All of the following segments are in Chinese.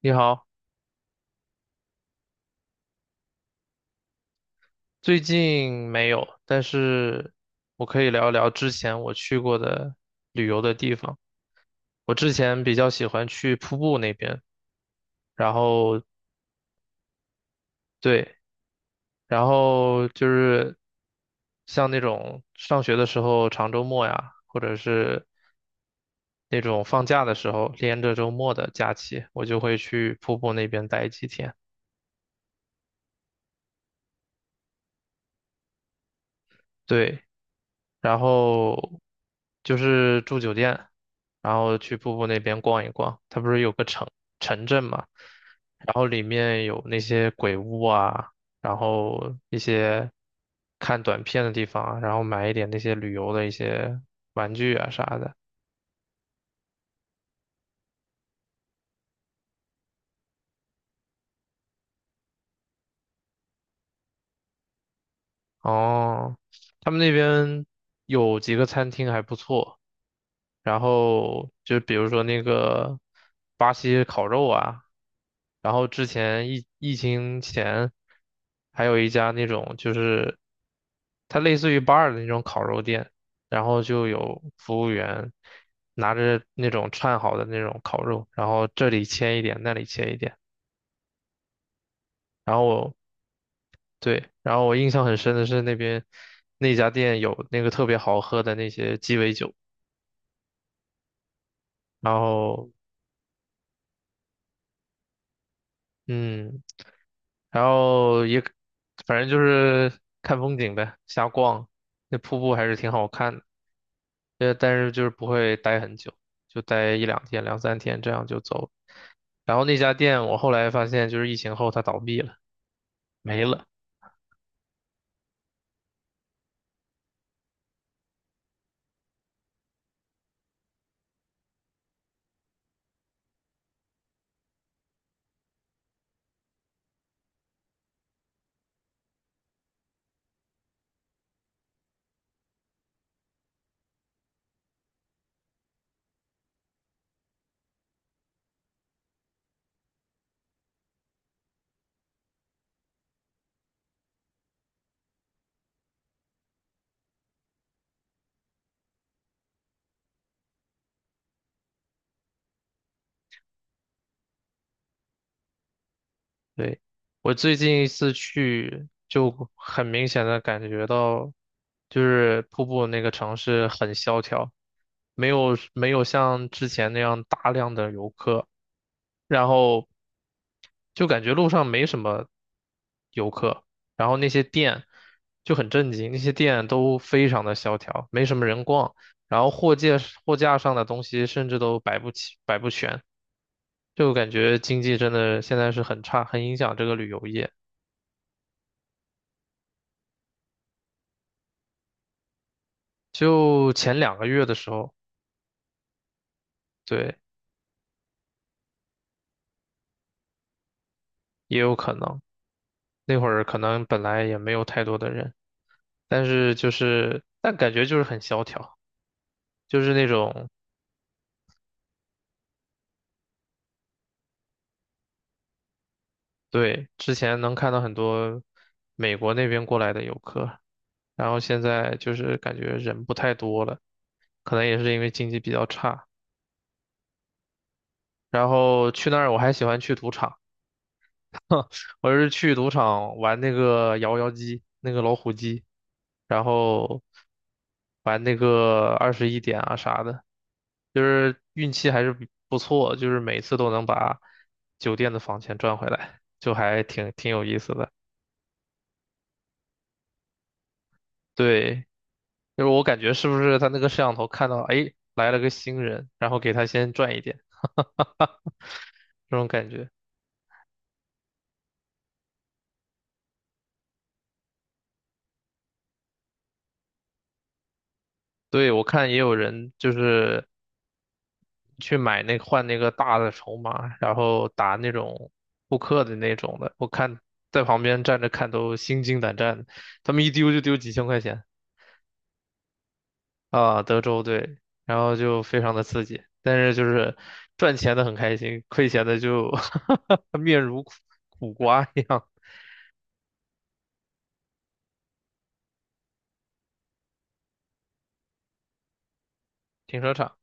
你好。最近没有，但是我可以聊一聊之前我去过的旅游的地方。我之前比较喜欢去瀑布那边，然后对。然后就是像那种上学的时候长周末呀，或者是那种放假的时候连着周末的假期，我就会去瀑布那边待几天。对，然后就是住酒店，然后去瀑布那边逛一逛。它不是有个城镇嘛，然后里面有那些鬼屋啊，然后一些看短片的地方啊，然后买一点那些旅游的一些玩具啊啥的。哦，他们那边有几个餐厅还不错，然后就比如说那个巴西烤肉啊，然后之前疫情前还有一家那种就是它类似于 bar 的那种烤肉店，然后就有服务员拿着那种串好的那种烤肉，然后这里切一点，那里切一点。然后我对，然后我印象很深的是那边那家店有那个特别好喝的那些鸡尾酒。然后。嗯，然后也反正就是看风景呗，瞎逛。那瀑布还是挺好看的，但是就是不会待很久，就待一两天、两三天，这样就走了。然后那家店我后来发现，就是疫情后它倒闭了，没了。对，我最近一次去，就很明显的感觉到，就是瀑布那个城市很萧条，没有像之前那样大量的游客，然后就感觉路上没什么游客，然后那些店就很震惊，那些店都非常的萧条，没什么人逛，然后货架上的东西甚至都摆不起，摆不全。就感觉经济真的现在是很差，很影响这个旅游业。就前两个月的时候，对，也有可能，那会儿可能本来也没有太多的人，但是就是，但感觉就是很萧条，就是那种。对，之前能看到很多美国那边过来的游客，然后现在就是感觉人不太多了，可能也是因为经济比较差。然后去那儿我还喜欢去赌场。我是去赌场玩那个摇摇机，那个老虎机，然后玩那个二十一点啊啥的，就是运气还是比不错，就是每次都能把酒店的房钱赚回来，就还挺有意思的。对，就是我感觉是不是他那个摄像头看到，哎，来了个新人，然后给他先赚一点这种感觉。对，我看也有人就是去买那换那个大的筹码，然后打那种扑克的那种的，我看在旁边站着看都心惊胆战，他们一丢就丢几千块钱。啊，德州对，然后就非常的刺激，但是就是赚钱的很开心，亏钱的就 面如苦瓜一样。停车场。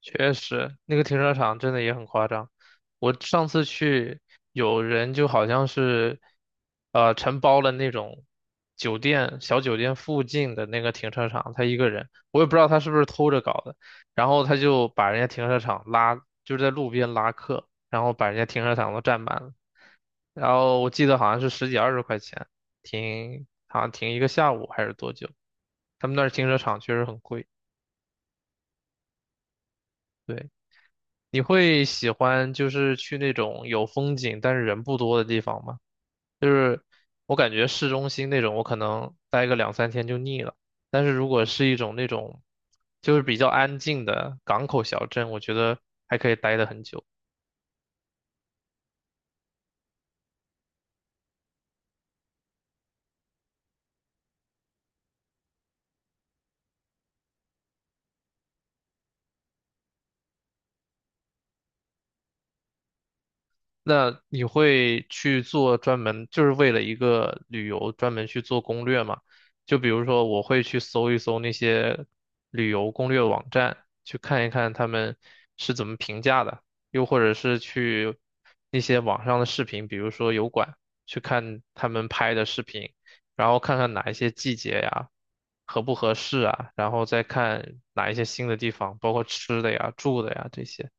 确实，那个停车场真的也很夸张。我上次去，有人就好像是，承包了那种小酒店附近的那个停车场，他一个人，我也不知道他是不是偷着搞的。然后他就把人家停车场拉，就是在路边拉客，然后把人家停车场都占满了。然后我记得好像是十几二十块钱停，好像停一个下午还是多久？他们那儿停车场确实很贵。对。你会喜欢就是去那种有风景但是人不多的地方吗？就是我感觉市中心那种，我可能待个两三天就腻了。但是如果是一种那种就是比较安静的港口小镇，我觉得还可以待得很久。那你会去做专门，就是为了一个旅游专门去做攻略吗？就比如说，我会去搜一搜那些旅游攻略网站，去看一看他们是怎么评价的，又或者是去那些网上的视频，比如说油管，去看他们拍的视频，然后看看哪一些季节呀，合不合适啊，然后再看哪一些新的地方，包括吃的呀、住的呀这些。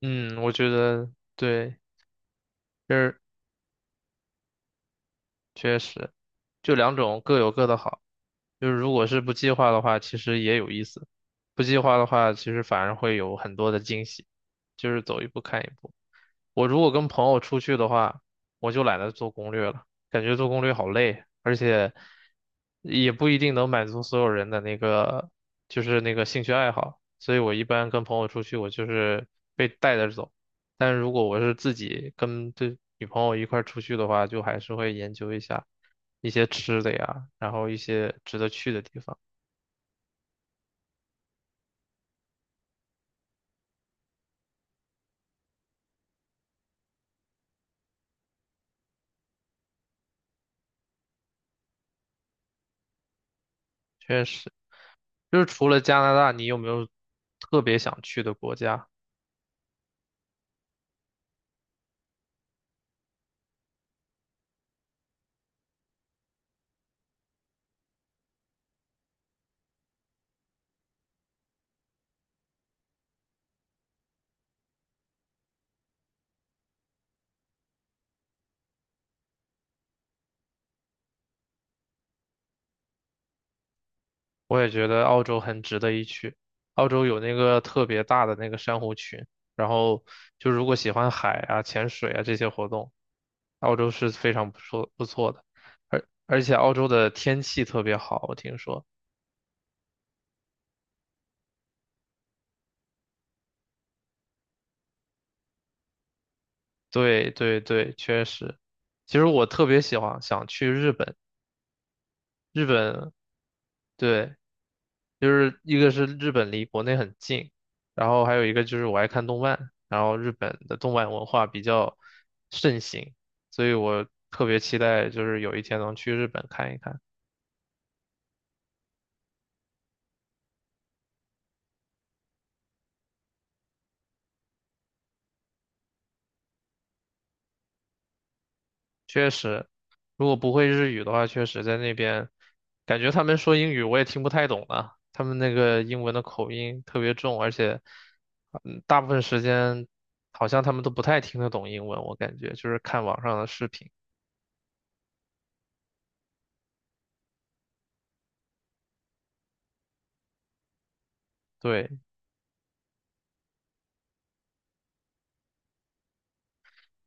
嗯，我觉得对。就是确实，就两种各有各的好。就是如果是不计划的话，其实也有意思；不计划的话，其实反而会有很多的惊喜，就是走一步看一步。我如果跟朋友出去的话，我就懒得做攻略了，感觉做攻略好累，而且也不一定能满足所有人的那个，就是那个兴趣爱好。所以我一般跟朋友出去，我就是被带着走。但如果我是自己跟对女朋友一块儿出去的话，就还是会研究一下一些吃的呀，然后一些值得去的地方。确实，就是除了加拿大，你有没有特别想去的国家？我也觉得澳洲很值得一去。澳洲有那个特别大的那个珊瑚群，然后就如果喜欢海啊、潜水啊这些活动，澳洲是非常不错的。而且澳洲的天气特别好，我听说。对对对，确实。其实我特别喜欢想去日本，日本对。就是一个是日本离国内很近，然后还有一个就是我爱看动漫，然后日本的动漫文化比较盛行，所以我特别期待就是有一天能去日本看一看。确实，如果不会日语的话，确实在那边感觉他们说英语我也听不太懂啊，他们那个英文的口音特别重，而且嗯，大部分时间好像他们都不太听得懂英文，我感觉就是看网上的视频。对，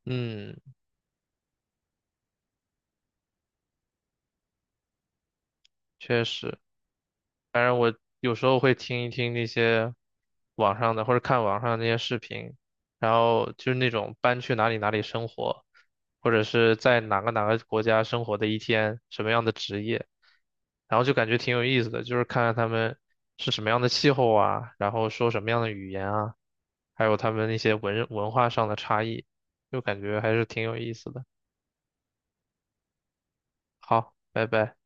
嗯，确实。反正我有时候会听一听那些网上的，或者看网上那些视频，然后就是那种搬去哪里哪里生活，或者是在哪个哪个国家生活的一天，什么样的职业，然后就感觉挺有意思的，就是看看他们是什么样的气候啊，然后说什么样的语言啊，还有他们那些文化上的差异，就感觉还是挺有意思的。好，拜拜。